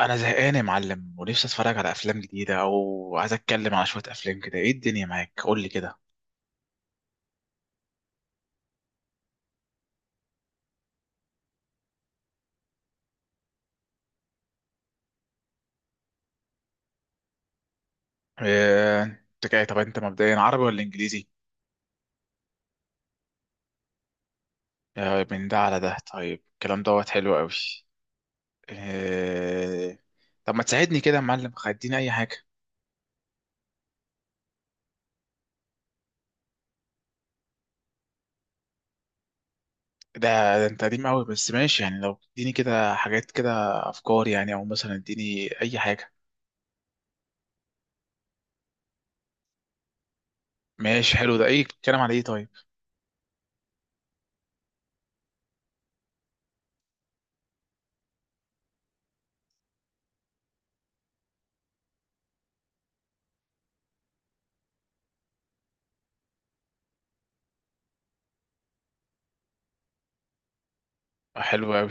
انا زهقان يا معلم ونفسي اتفرج على افلام جديده او عايز اتكلم على شويه افلام كده. ايه الدنيا معاك؟ قول لي كده. إيه، انت جاي؟ طب انت مبدئيا عربي ولا انجليزي؟ آه، من ده على ده. طيب الكلام دوت حلو قوي. إيه... طب ما تساعدني كده يا معلم، خديني اي حاجه. ده, ده انت قديم قوي، بس ماشي. يعني لو اديني كده حاجات كده، افكار يعني، او مثلا اديني اي حاجه. ماشي حلو، ده ايه بتتكلم على ايه طيب؟ آه، حلو قوي.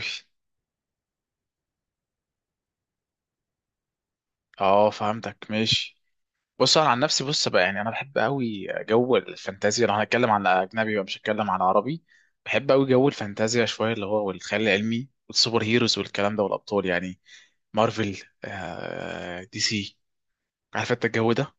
اه فهمتك ماشي. بص انا عن نفسي، بص بقى، يعني انا بحب قوي جو الفانتازيا. لو هنتكلم عن اجنبي بقى مش هتكلم عن عربي. بحب قوي جو الفانتازيا شويه، اللي هو والخيال العلمي والسوبر هيروز والكلام ده والابطال يعني. مارفل، آه دي سي، عارف انت الجو ده.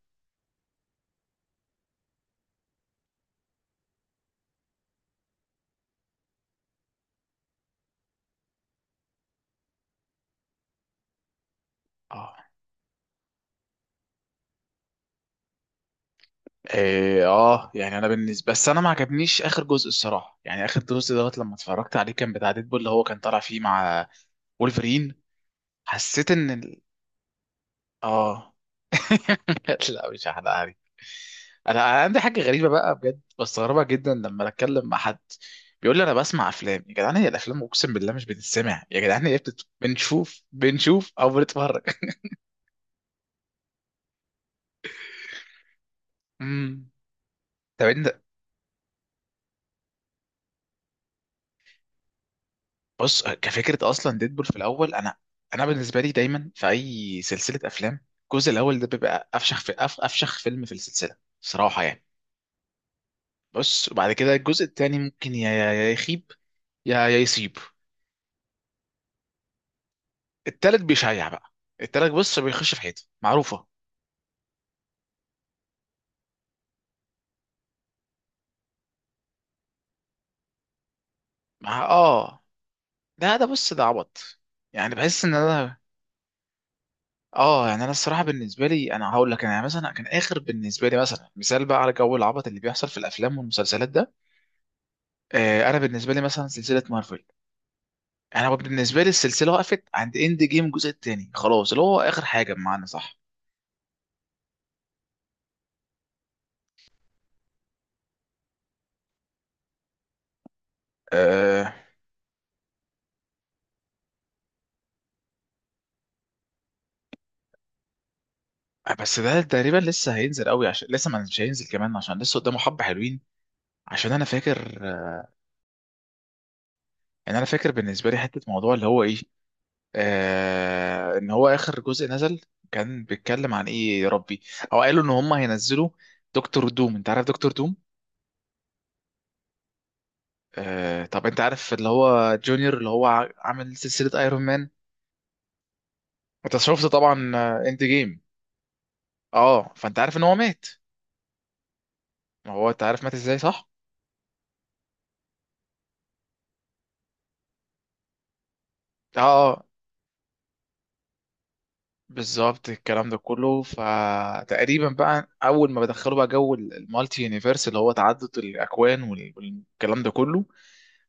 اه اه يعني انا بالنسبه، بس انا ما عجبنيش اخر جزء الصراحه. يعني اخر جزء دوت لما اتفرجت عليه كان بتاع ديدبول، اللي هو كان طالع فيه مع وولفرين. حسيت ان اه. لا مش هحرقها لك. انا عندي حاجه غريبه بقى بجد، بستغربها جدا لما اتكلم مع حد، بيقول لي انا بسمع افلام يا جدعان. هي الافلام اقسم بالله مش بتتسمع يا جدعان، هي بنشوف او بنتفرج. امم طب انت بص، كفكره اصلا ديدبول في الاول، انا بالنسبه لي دايما في اي سلسله افلام، الجزء الاول ده بيبقى افشخ فيلم في السلسله صراحه يعني. بص وبعد كده الجزء التاني ممكن يا يخيب يا يصيب. التالت بيشيع بقى. التالت بص بيخش في حيط معروفة. مع اه، ده بص ده عبط. يعني بحس ان انا اه. يعني انا الصراحة بالنسبة لي، انا هقول لك، انا يعني مثلا كان اخر بالنسبة لي، مثلا مثال بقى على جو العبط اللي بيحصل في الافلام والمسلسلات ده، آه انا بالنسبة لي مثلا سلسلة مارفل، انا بالنسبة لي السلسلة وقفت عند اند جيم الجزء التاني خلاص، اللي هو اخر حاجة بمعنى صح. آه، بس ده تقريبا لسه هينزل قوي عشان لسه ما مش هينزل كمان، عشان لسه قدامه حبة حلوين. عشان انا فاكر، يعني انا فاكر بالنسبه لي حته موضوع اللي هو ايه، آه ان هو اخر جزء نزل كان بيتكلم عن ايه يا ربي، او قالوا ان هم هينزلوا دكتور دوم. انت عارف دكتور دوم؟ آه طب انت عارف اللي هو جونيور، اللي هو عامل سلسله ايرون مان، انت شفت طبعا آه، اند جيم. اه فانت عارف ان هو مات. ما هو انت عارف مات ازاي صح؟ اه آه، بالظبط الكلام ده كله. فتقريبا بقى اول ما بدخلوا بقى جو المالتي يونيفرس، اللي هو تعدد الاكوان والكلام ده كله،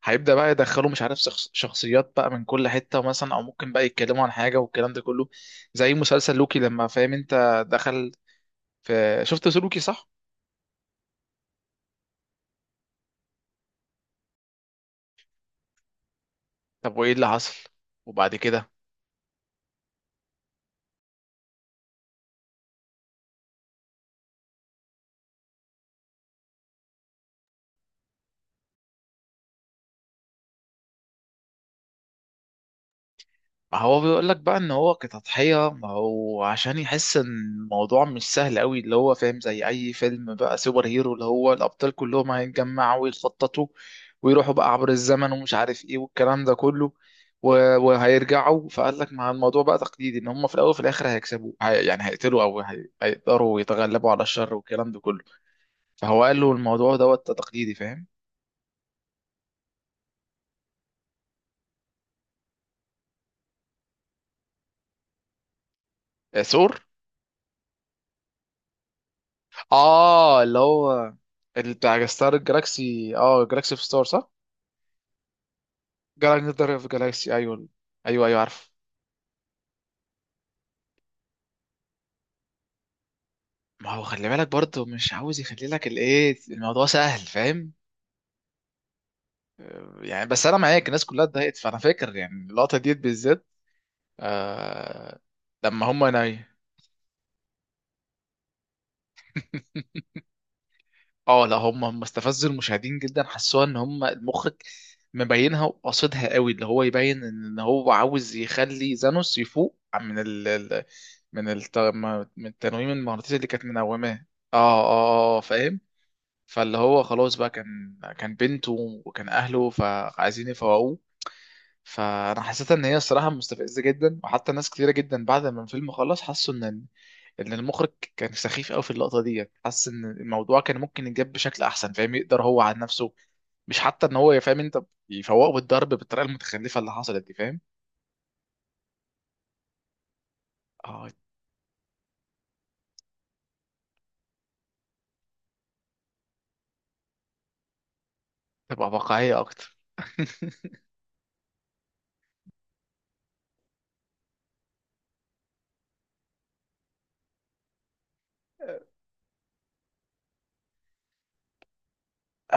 هيبدأ بقى يدخلوا، مش عارف شخصيات بقى من كل حتة مثلا، أو ممكن بقى يتكلموا عن حاجة والكلام ده كله. زي مسلسل لوكي لما فاهم أنت دخل في، شفت لوكي صح؟ طب وإيه اللي حصل؟ وبعد كده هو بيقول لك بقى ان هو كتضحية، ما هو عشان يحس ان الموضوع مش سهل قوي اللي هو فاهم، زي اي فيلم بقى سوبر هيرو اللي هو الابطال كلهم هيتجمعوا ويخططوا ويروحوا بقى عبر الزمن ومش عارف ايه والكلام ده كله، وهيرجعوا. فقال لك مع الموضوع بقى تقليدي ان هم في الاول وفي الاخر هيكسبوا، هي يعني هيقتلوا او هيقدروا يتغلبوا على الشر والكلام ده كله. فهو قال له الموضوع دوت تقليدي فاهم. آه، ثور. اه اللي هو، اللي بتاع ستار الجلاكسي. اه جلاكسي في ستار صح؟ جالكسي جالاكسي، ايوه ايوه ايوه عارف. ما هو خلي بالك برضه مش عاوز يخلي لك الايه الموضوع سهل فاهم. آه، يعني بس انا معاك، الناس كلها اتضايقت، فانا فاكر يعني اللقطه ديت بالذات. آه لما هم ناي. اه لا، هم استفزوا المشاهدين جدا. حسوها ان هم المخرج مبينها وقاصدها قوي، اللي هو يبين ان هو عاوز يخلي زانوس يفوق من من الت... من التنويم المغناطيسي اللي كانت منوماه. اه فاهم. فاللي هو خلاص بقى، كان بنته، وكان اهله فعايزين يفوقوه. فانا حسيت ان هي الصراحه مستفزه جدا، وحتى ناس كتيره جدا بعد ما الفيلم خلص حسوا ان ان المخرج كان سخيف قوي في اللقطه دي. حس ان الموضوع كان ممكن يتجاب بشكل احسن فاهم. يقدر هو عن نفسه، مش حتى ان هو فاهم انت، يفوقه بالضرب بالطريقه المتخلفه اللي حصلت دي فاهم. اه تبقى واقعيه اكتر.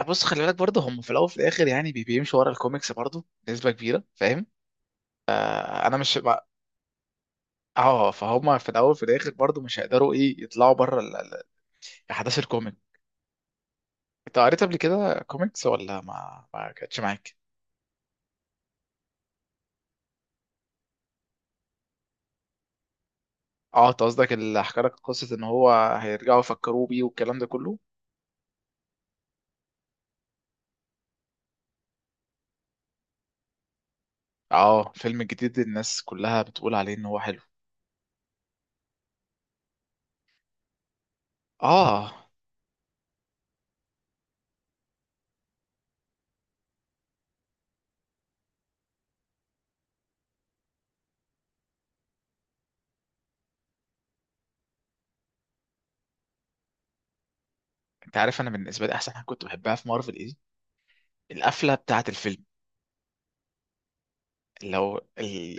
بص خلي بالك برضه هم في الاول وفي الاخر يعني بيمشوا ورا الكوميكس برضه نسبه كبيره فاهم. آه، انا مش اه فهم. في الاول في الاخر برضو مش هيقدروا ايه يطلعوا بره احداث الكوميك. انت قريت قبل كده كوميكس ولا ما كانتش معاك؟ اه انت قصدك اللي حكى لك قصه ان هو هيرجعوا يفكروا بيه والكلام ده كله. اه فيلم جديد الناس كلها بتقول عليه ان هو حلو. اه انت عارف انا بالنسبه لي احسن حاجه كنت بحبها في مارفل ايه؟ القفله بتاعه الفيلم. اللي هو،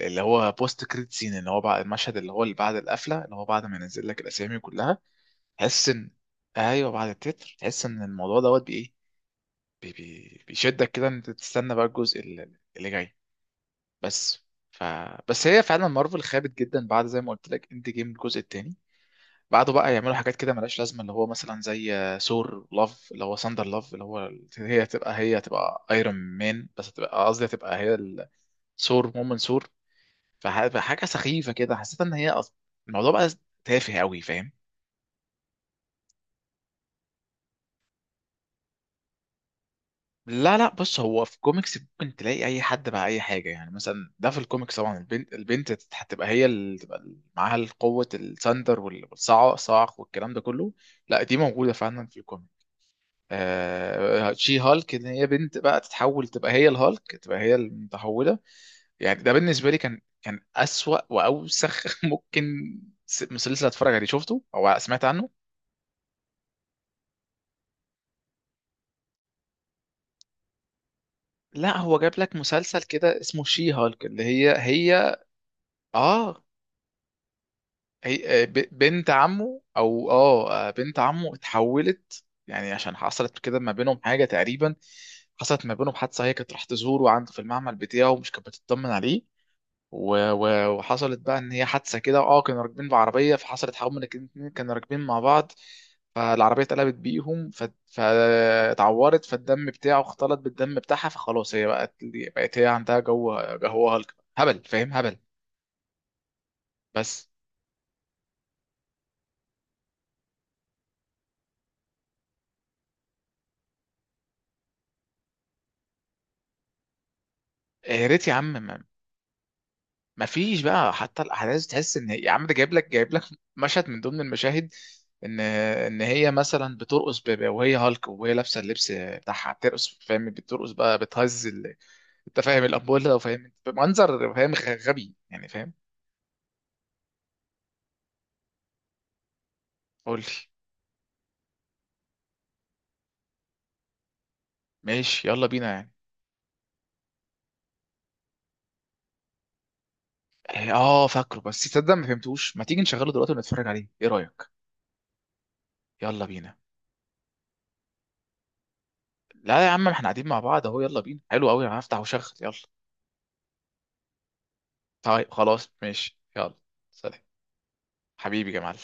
اللي هو بوست كريد سين، اللي هو بعد المشهد اللي هو اللي بعد القفله، اللي هو بعد ما ينزل لك الاسامي كلها، تحس ان، ايوه بعد التتر تحس ان الموضوع دوت بايه. بي بي بيشدك كده ان انت تستنى بقى الجزء اللي جاي. بس ف بس هي فعلا مارفل خابت جدا بعد زي ما قلت لك اند جيم الجزء التاني. بعده بقى يعملوا حاجات كده ملهاش لازمه، اللي هو مثلا زي ثور لاف، اللي هو ساندر لاف، اللي هو هي تبقى، هي تبقى ايرون مان، بس تبقى قصدي تبقى هي ثور، مومن ثور. فحاجه سخيفه كده، حسيت ان هي الموضوع بقى تافه قوي فاهم. لا بص، هو في كوميكس ممكن تلاقي اي حد مع اي حاجه، يعني مثلا ده في الكوميكس طبعا. البنت، البنت هتبقى هي اللي تبقى معاها القوه، الثاندر والصاعق والكلام ده كله. لا دي موجوده فعلا في الكوميك. آه شي هالك، ان هي بنت بقى تتحول تبقى هي الهالك، تبقى هي المتحوله. يعني ده بالنسبه لي كان اسوأ واوسخ ممكن مسلسل اتفرج عليه. شفته او سمعت عنه؟ لا هو جاب لك مسلسل كده اسمه شي هالك، اللي هي هي اه هي آه، بنت عمه، او اه آه، بنت عمه اتحولت يعني عشان حصلت كده ما بينهم حاجه تقريبا. حصلت ما بينهم حادثه، هي كانت راح تزوره عنده في المعمل بتاعه ومش كانت بتطمن عليه، وحصلت بقى ان هي حادثه كده اه. كانوا راكبين بعربيه، فحصلت حوالي الاتنين كانوا راكبين مع بعض، فالعربيه اتقلبت بيهم، فاتعورت، فالدم بتاعه اختلط بالدم بتاعها، فخلاص هي بقت هي عندها جو، هو هبل فاهم، هبل. بس آه، يا ريت يا عم. مفيش بقى حتى الاحداث، تحس ان يا عم ده جايب لك مشهد من ضمن المشاهد ان ان هي مثلا بترقص، وهي هالك وهي لابسه اللبس بتاعها بترقص فاهم. بترقص بقى بتهز انت فاهم الابوله، وفاهم بمنظر فاهم غبي يعني فاهم. قول لي. ماشي يلا بينا يعني. إيه، اه فاكره، بس تصدق ما فهمتوش. ما تيجي نشغله دلوقتي ونتفرج عليه ايه رايك؟ يلا بينا. لا يا عم، احنا قاعدين مع بعض اهو، يلا بينا حلو قوي. انا هفتح وشغل يلا. طيب خلاص ماشي يلا. سلام. حبيبي يا معلم.